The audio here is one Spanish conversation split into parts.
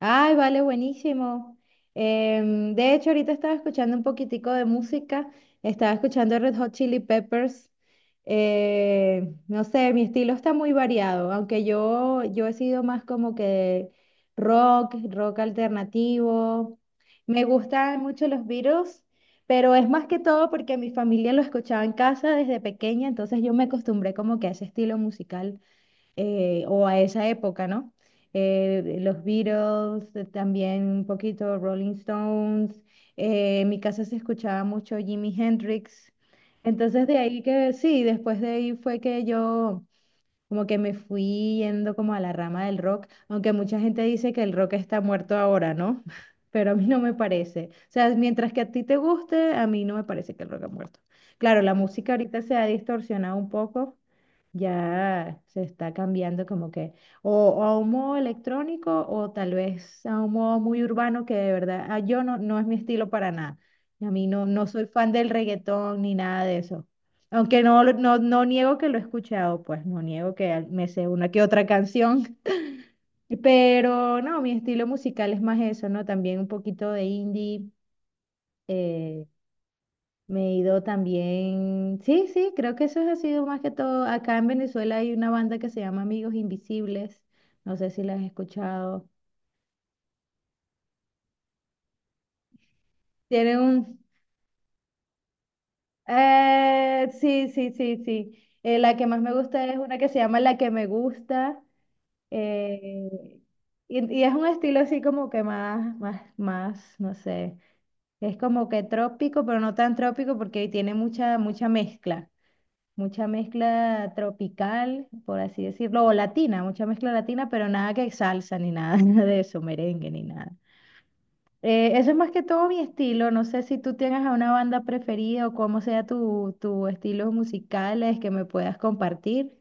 Ay, vale, buenísimo. De hecho, ahorita estaba escuchando un poquitico de música, estaba escuchando Red Hot Chili Peppers. No sé, mi estilo está muy variado, aunque yo he sido más como que rock, rock alternativo. Me gustan mucho los Beatles, pero es más que todo porque mi familia lo escuchaba en casa desde pequeña, entonces yo me acostumbré como que a ese estilo musical, o a esa época, ¿no? Los Beatles, también un poquito Rolling Stones, en mi casa se escuchaba mucho Jimi Hendrix, entonces de ahí que sí, después de ahí fue que yo como que me fui yendo como a la rama del rock, aunque mucha gente dice que el rock está muerto ahora, ¿no? Pero a mí no me parece. O sea, mientras que a ti te guste, a mí no me parece que el rock ha muerto. Claro, la música ahorita se ha distorsionado un poco, ya se está cambiando como que o a un modo electrónico o tal vez a un modo muy urbano que de verdad yo no es mi estilo para nada. Y a mí no soy fan del reggaetón ni nada de eso. Aunque no, no, no niego que lo he escuchado, pues no niego que me sé una que otra canción. Pero no, mi estilo musical es más eso, ¿no? También un poquito de indie. eh, Me he ido también, sí, sí, creo que eso ha sido más que todo. Acá en Venezuela hay una banda que se llama Amigos Invisibles, no sé si la has escuchado. Tienen un, sí, sí, sí, sí. La que más me gusta es una que se llama La que me gusta. eh, y es un estilo así como que más, no sé. Es como que trópico, pero no tan trópico porque tiene mucha mezcla. Mucha mezcla tropical, por así decirlo, o latina, mucha mezcla latina, pero nada que salsa ni nada de eso, merengue ni nada. Eso es más que todo mi estilo. No sé si tú tienes a una banda preferida o cómo sea tu estilos musicales que me puedas compartir.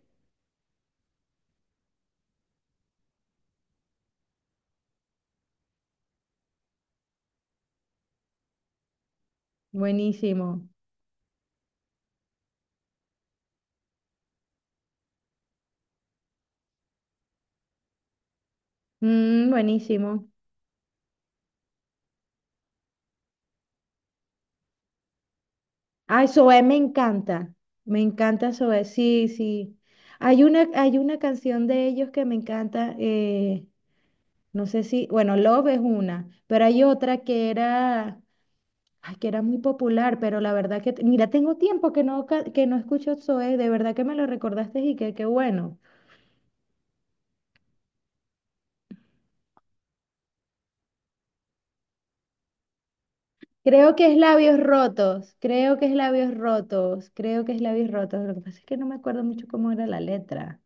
Buenísimo. Mm, buenísimo. Ay, Zoé me encanta. Me encanta Zoé. Sí, sí. Hay una canción de ellos que me encanta. No sé si, bueno, Love es una, pero hay otra que era, ay, que era muy popular, pero la verdad que, mira, tengo tiempo que no, que no escucho Zoe, de verdad que me lo recordaste y que qué bueno. Creo que es Labios Rotos, creo que es Labios Rotos, Creo que es Labios Rotos, lo que pasa es que no me acuerdo mucho cómo era la letra.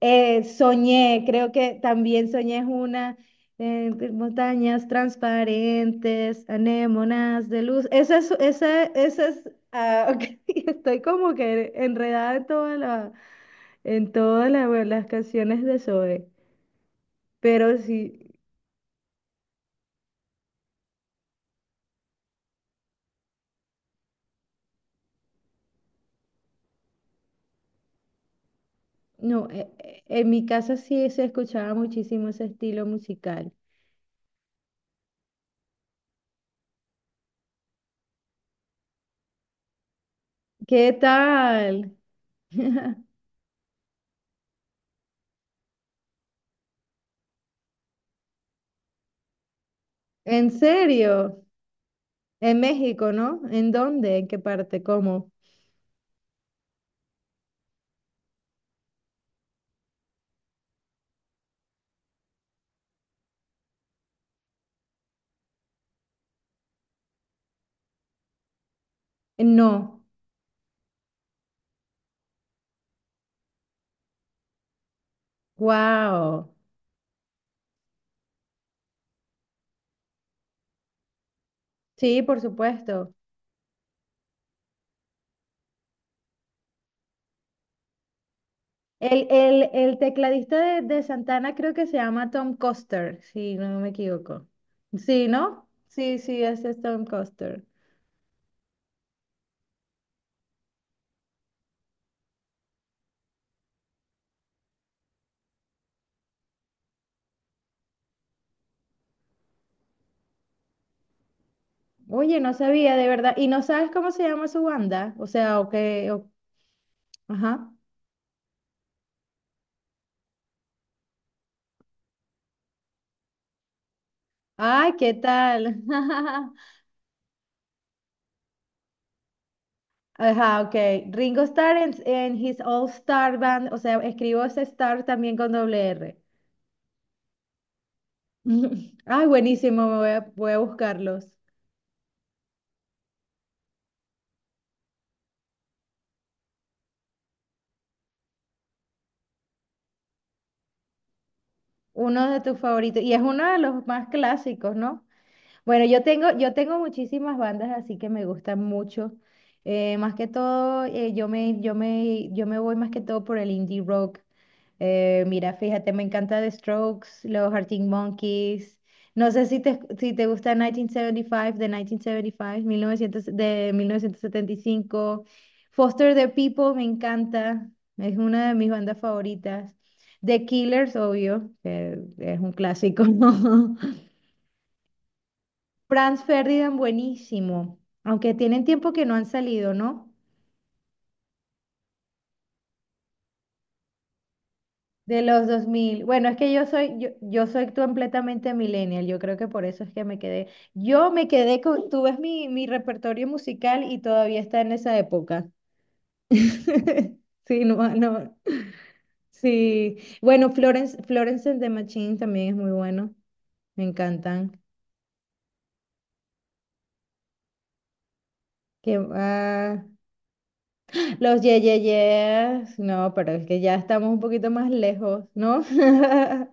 Soñé, creo que también soñé es una, montañas transparentes, anémonas de luz. Esa es. Ah, ok. Estoy como que enredada en toda la, en todas la- Bueno, las canciones de Zoe, pero sí, no, en mi casa sí se escuchaba muchísimo ese estilo musical. ¿Qué tal? ¿En serio? ¿En México, no? ¿En dónde? ¿En qué parte? ¿Cómo? No. Wow. Sí, por supuesto. El tecladista de Santana creo que se llama Tom Coster, si no me equivoco. Sí, ¿no? Sí, sí, ese es Tom Coster. Oye, no sabía, de verdad. ¿Y no sabes cómo se llama su banda? O sea, ajá. Ay, ¿qué tal? Ajá, ok. Ringo Starr en his All Star Band, o sea, escribo ese Star también con doble R. Ay, buenísimo, voy a buscarlos. Uno de tus favoritos, y es uno de los más clásicos, ¿no? Bueno, yo tengo muchísimas bandas así que me gustan mucho. Más que todo, yo me voy más que todo por el indie rock. Mira, fíjate, me encanta The Strokes, los Arctic Monkeys. No sé si te gusta 1975, de 1975, Foster the People, me encanta. Es una de mis bandas favoritas. The Killers, obvio, que es un clásico, ¿no? Franz Ferdinand, buenísimo. Aunque tienen tiempo que no han salido, ¿no? De los dos mil. Bueno, es que yo soy, yo soy completamente millennial. Yo creo que por eso es que me quedé. Yo me quedé con, tú ves mi repertorio musical y todavía está en esa época. Sí, no, no. Sí. Bueno, Florence and the Machine también es muy bueno. Me encantan. ¿Qué va? Los Ye Ye Yes. No, pero es que ya estamos un poquito más lejos, ¿no?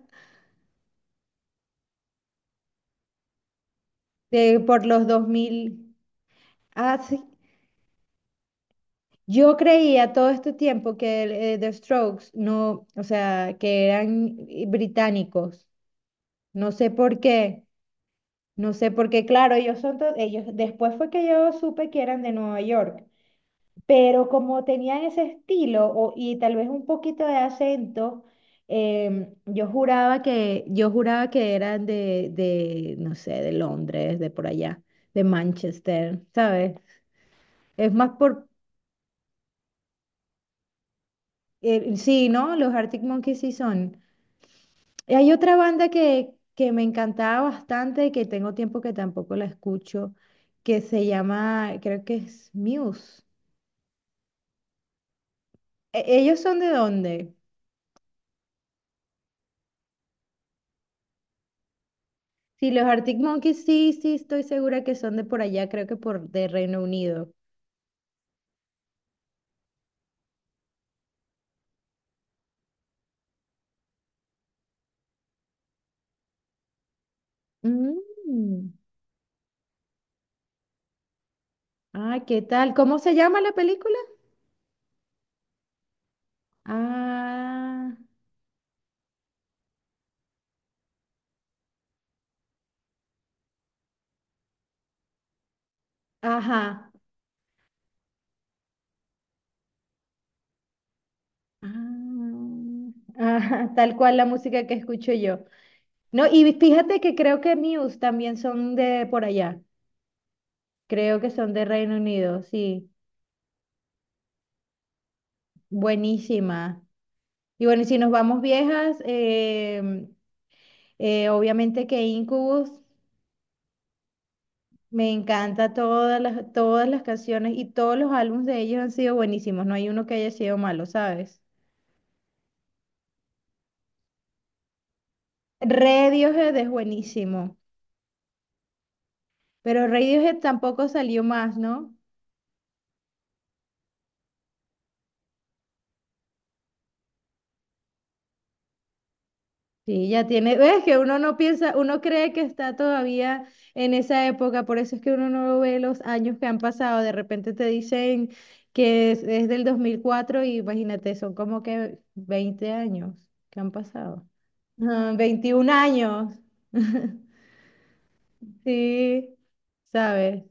De, por los 2000. Ah, sí. Yo creía todo este tiempo que el, The Strokes no, o sea, que eran británicos. No sé por qué, no sé por qué, claro, ellos después fue que yo supe que eran de Nueva York, pero como tenían ese estilo y tal vez un poquito de acento, yo juraba que eran de no sé, de Londres, de por allá, de Manchester, ¿sabes? Es más por sí, ¿no? Los Arctic Monkeys sí son. Y hay otra banda que me encantaba bastante, y que tengo tiempo que tampoco la escucho, que se llama, creo que es Muse. ¿Ellos son de dónde? Sí, los Arctic Monkeys, sí, sí, estoy segura que son de por allá, creo que por de Reino Unido. Mm. Ah, ¿qué tal? ¿Cómo se llama la película? Ah, ajá. Ah, ajá, tal cual la música que escucho yo. No, y fíjate que creo que Muse también son de por allá. Creo que son de Reino Unido, sí. Buenísima. Y bueno, y si nos vamos viejas, obviamente que Incubus, me encanta todas las canciones y todos los álbumes de ellos han sido buenísimos. No hay uno que haya sido malo, ¿sabes? Radiohead es buenísimo, pero Radiohead tampoco salió más, ¿no? Sí, ya tiene, ves que uno no piensa, uno cree que está todavía en esa época, por eso es que uno no ve los años que han pasado, de repente te dicen que es del 2004 y imagínate, son como que 20 años que han pasado. Ah, 21 años. Sí, ¿sabes?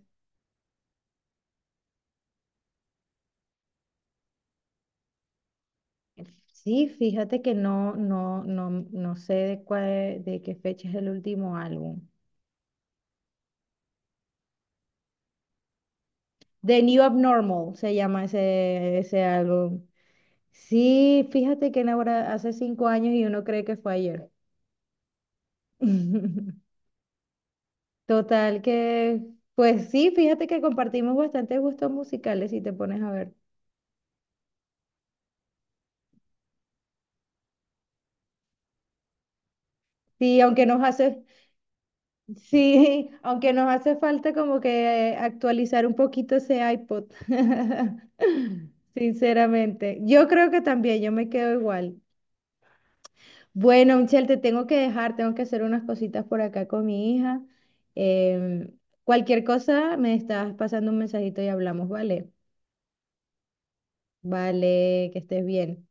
Sí, fíjate que no sé de cuál, de qué fecha es el último álbum. The New Abnormal se llama ese álbum. Sí, fíjate que ahora hace cinco años y uno cree que fue ayer. Total que, pues sí, fíjate que compartimos bastantes gustos musicales si te pones a ver. Sí, sí, aunque nos hace falta como que actualizar un poquito ese iPod. Sinceramente, yo creo que también, yo me quedo igual. Bueno, Michelle, te tengo que dejar, tengo que hacer unas cositas por acá con mi hija. Em, Cualquier cosa, me estás pasando un mensajito y hablamos, ¿vale? Vale, que estés bien.